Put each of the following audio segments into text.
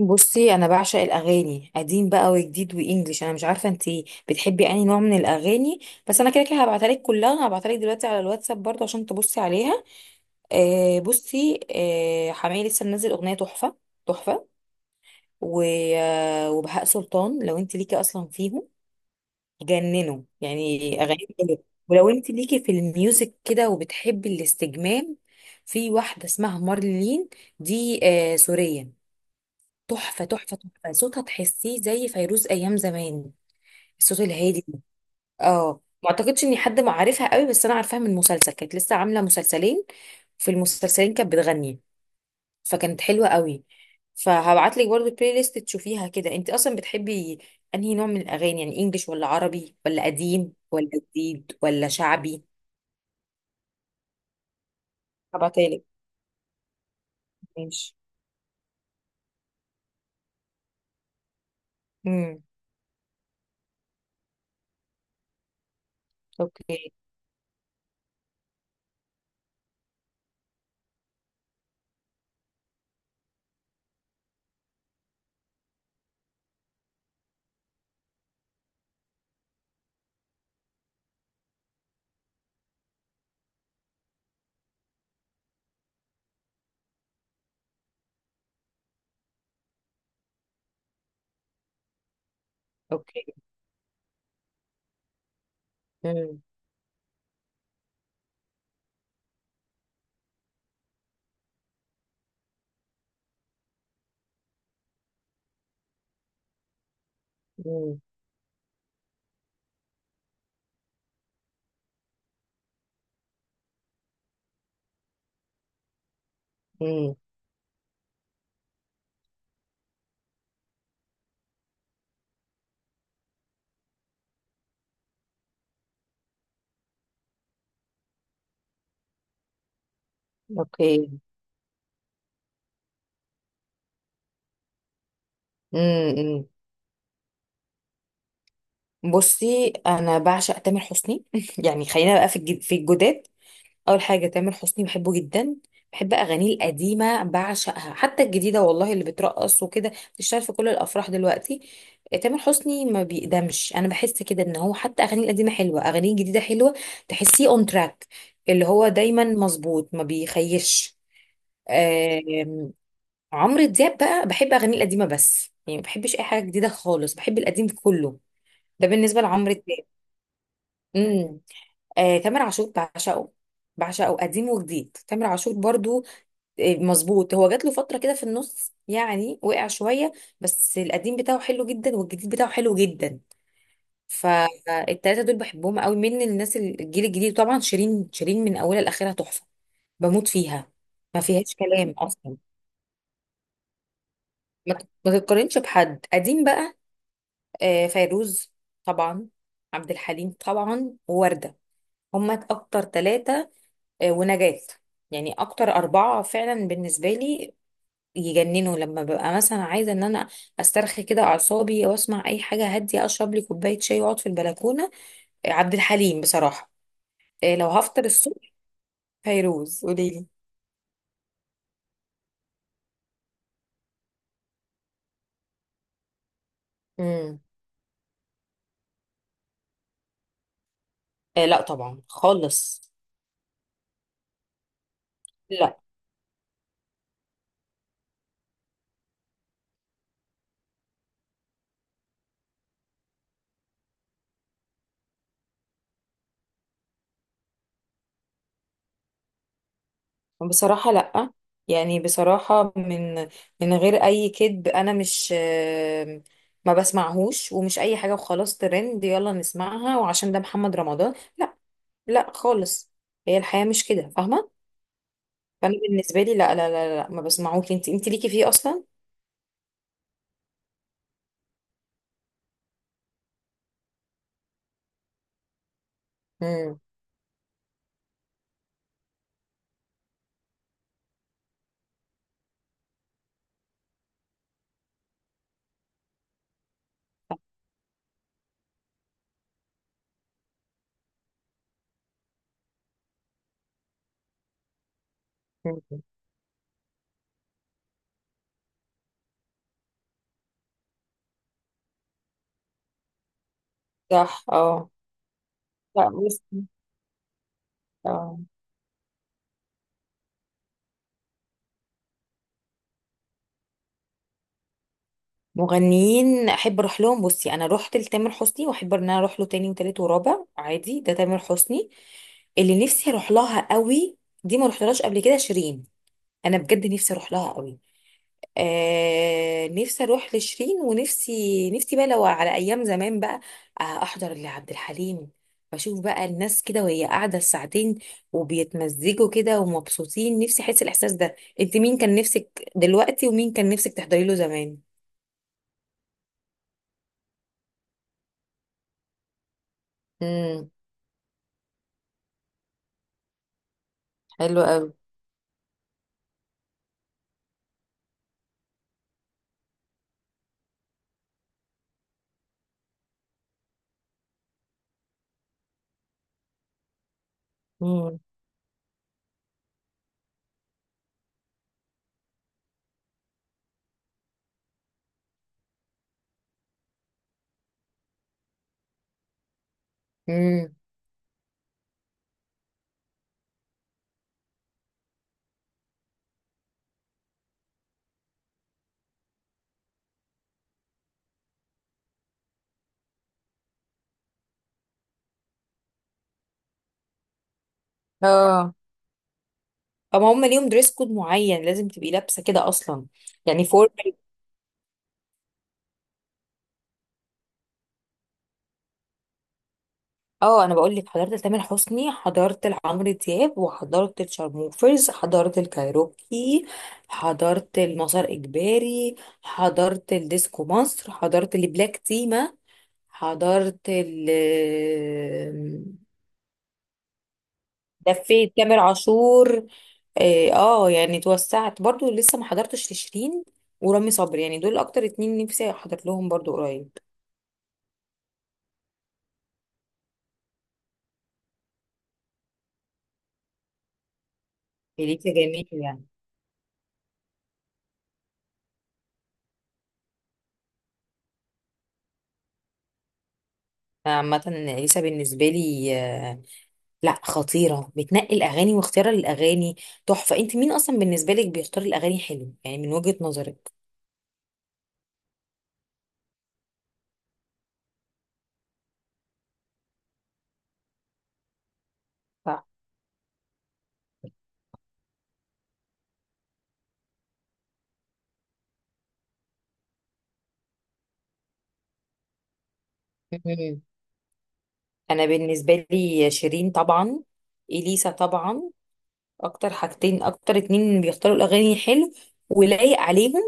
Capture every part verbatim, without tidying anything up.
بصي، انا بعشق الاغاني قديم بقى وجديد وانجليش. انا مش عارفه انت بتحبي انهي نوع من الاغاني؟ بس انا كده كده هبعتها لك كلها، هبعتها لك دلوقتي على الواتساب برضه عشان تبصي عليها. آه بصي، آه حماقي لسه منزل اغنيه تحفه، تحفه و- آه، وبهاء سلطان لو انت ليكي اصلا فيهم، جننوا يعني اغاني حلوه. ولو انت ليكي في الميوزك كده وبتحبي الاستجمام، في واحده اسمها مارلين، دي آه سوريه. تحفة تحفة تحفة، صوتها تحسيه زي فيروز أيام زمان، الصوت الهادي ده. اه ما أعتقدش إن حد ما عارفها قوي، بس أنا عارفاها من مسلسل، كانت لسه عاملة مسلسلين. في المسلسلين كانت بتغني، فكانت حلوة قوي. فهبعتلك برضو البلاي ليست تشوفيها كده. أنت أصلا بتحبي أنهي نوع من الأغاني، يعني إنجليش ولا عربي ولا قديم ولا جديد ولا شعبي؟ هبعتلك. ماشي. امم. اوكي. اوكي. امم. امم أمم. اوكي. امم أمم. بصي انا بعشق تامر حسني يعني خلينا بقى في الجد- في الجداد. اول حاجه تامر حسني بحبه جدا، بحب اغانيه القديمه بعشقها، حتى الجديده والله اللي بترقص وكده بتشتغل في كل الافراح دلوقتي. تامر حسني ما بيقدمش. انا بحس كده ان هو حتى اغانيه القديمه حلوه، اغانيه الجديده حلوه، تحسيه اون تراك اللي هو دايما مظبوط ما بيخيش. آم، عمرو دياب بقى بحب اغانيه القديمه، بس يعني ما بحبش اي حاجه جديده خالص، بحب القديم كله، ده بالنسبه لعمرو دياب. مم. آه، تامر عاشور بعشقه، بعشقه قديم وجديد، تامر عاشور برضو آه، مظبوط. هو جات له فترة كده في النص يعني وقع شوية، بس القديم بتاعه حلو جدا والجديد بتاعه حلو جدا. فالتلاتة دول بحبهم قوي. من الناس الجيل الجديد طبعا، شيرين. شيرين من أولها لآخرها تحفة، بموت فيها، ما فيهاش كلام أصلا. ما تت- ما تتقارنش بحد. قديم بقى، آه، فيروز طبعا، عبد الحليم طبعا، ووردة، هما أكتر تلاتة. آه، ونجاة، يعني اكتر اربعة فعلا بالنسبة لي. يجننوا لما ببقى مثلا عايزة ان انا استرخي كده اعصابي واسمع اي حاجة هادية، اشرب لي كوباية شاي واقعد في البلكونة. آه، عبد الحليم بصراحة. آه، لو هفطر الصبح، فيروز. قوليلي. امم. آه لا طبعا خالص. لا بصراحة لا، يعني بصراحة من من غير أي كذب، أنا مش آه، ما بسمعهوش، ومش أي حاجة وخلاص ترند يلا نسمعها وعشان ده محمد رمضان، لا خالص. هي الحياة مش كده، فاهمة؟ فأنا بالنسبة لي لا لا لا, لا، ما بسمعوك. انت انت ليكي فيه أصلا؟ امم. صح. اه. لا بصي. اه، مغنيين احب اروح لهم، بصي انا رحت لتامر حسني واحب ان انا اروح له تاني وتالت ورابع، عادي، ده تامر حسني. اللي نفسي اروح لها قوي، دي ما رحتلهاش قبل كده، شيرين، انا بجد نفسي اروح لها قوي. آه نفسي اروح لشيرين. ونفسي نفسي بقى لو على ايام زمان بقى، آه احضر لعبد الحليم، بشوف بقى الناس كده وهي قاعده ساعتين وبيتمزجوا كده ومبسوطين، نفسي احس الاحساس ده. انت مين كان نفسك دلوقتي، ومين كان نفسك تحضري له زمان؟ امم. حلو قوي. امم. امم. اه، فما هم ليهم دريس كود معين، لازم تبقي لابسه كده اصلا؟ يعني فورمال. اه انا بقول لك، حضرت لتامر حسني، حضرت لعمرو دياب، وحضرت لشارموفرز، حضرت الكايروكي، حضرت لمسار اجباري، حضرت الديسكو مصر، حضرت لبلاك تيما، حضرت ال، لفيت تامر عاشور. اه آه، يعني توسعت برضو. لسه ما حضرتش لشيرين ورامي صبري، يعني دول اكتر اتنين نفسي احضر لهم برضو قريب. اليسا جميل يعني. عامة اليسا بالنسبة لي آه، لا خطيرة، بتنقي الأغاني، واختيار الأغاني تحفة. أنت مين أصلا بالنسبة لك بيختار الأغاني حلو يعني من وجهة نظرك؟ صح. مم. أنا بالنسبة لي شيرين طبعا، إليسا طبعا، أكتر حاجتين، أكتر اتنين بيختاروا الأغاني حلو ولايق عليهم.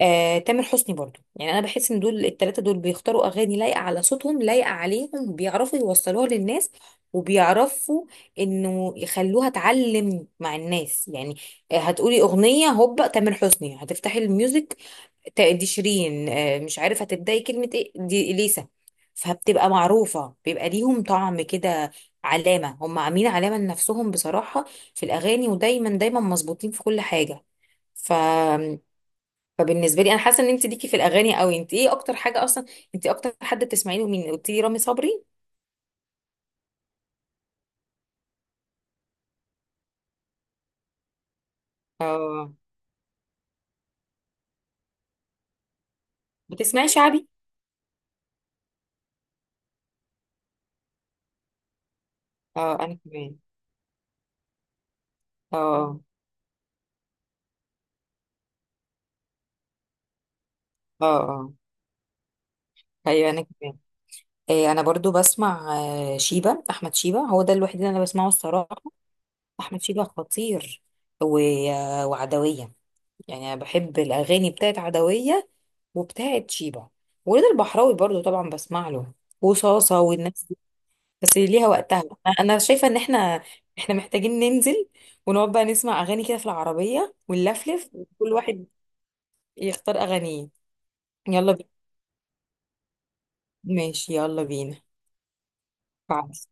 آه، تامر حسني برضو، يعني انا بحس ان دول التلاتة دول بيختاروا اغاني لايقة على صوتهم، لايقة عليهم، بيعرفوا يوصلوها للناس، وبيعرفوا انه يخلوها تعلم مع الناس يعني. آه، هتقولي اغنية هوبا تامر حسني، هتفتحي الميوزك، ت- دي شيرين، آه، مش عارف هتبداي كلمة ايه، دي اليسا. فبتبقى معروفة، بيبقى ليهم طعم كده، علامة، هم عاملين علامة لنفسهم بصراحة في الأغاني، ودايما دايما مظبوطين في كل حاجة. ف فبالنسبه لي انا حاسه ان انت ليكي في الاغاني قوي، انت ايه اكتر حاجه اصلا؟ انت اكتر حد بتسمعي له مين؟ قلت لي رامي صبري. اه. بتسمعي شعبي؟ اه انا كمان. اه اه اه ايوه انا كمان. إيه، انا برضو بسمع آه، شيبه احمد شيبه هو ده الوحيد اللي انا بسمعه الصراحه. احمد شيبه خطير، و... آه، وعدويه. يعني انا بحب الاغاني بتاعت عدويه وبتاعت شيبه، ورضا البحراوي برضو طبعا بسمع له، وصاصه والناس، بس ليها وقتها. انا أنا شايفه ان احنا احنا محتاجين ننزل ونقعد بقى نسمع اغاني كده في العربيه ونلفلف، وكل واحد يختار اغانيه. يلا بينا. ماشي يلا بينا. بعد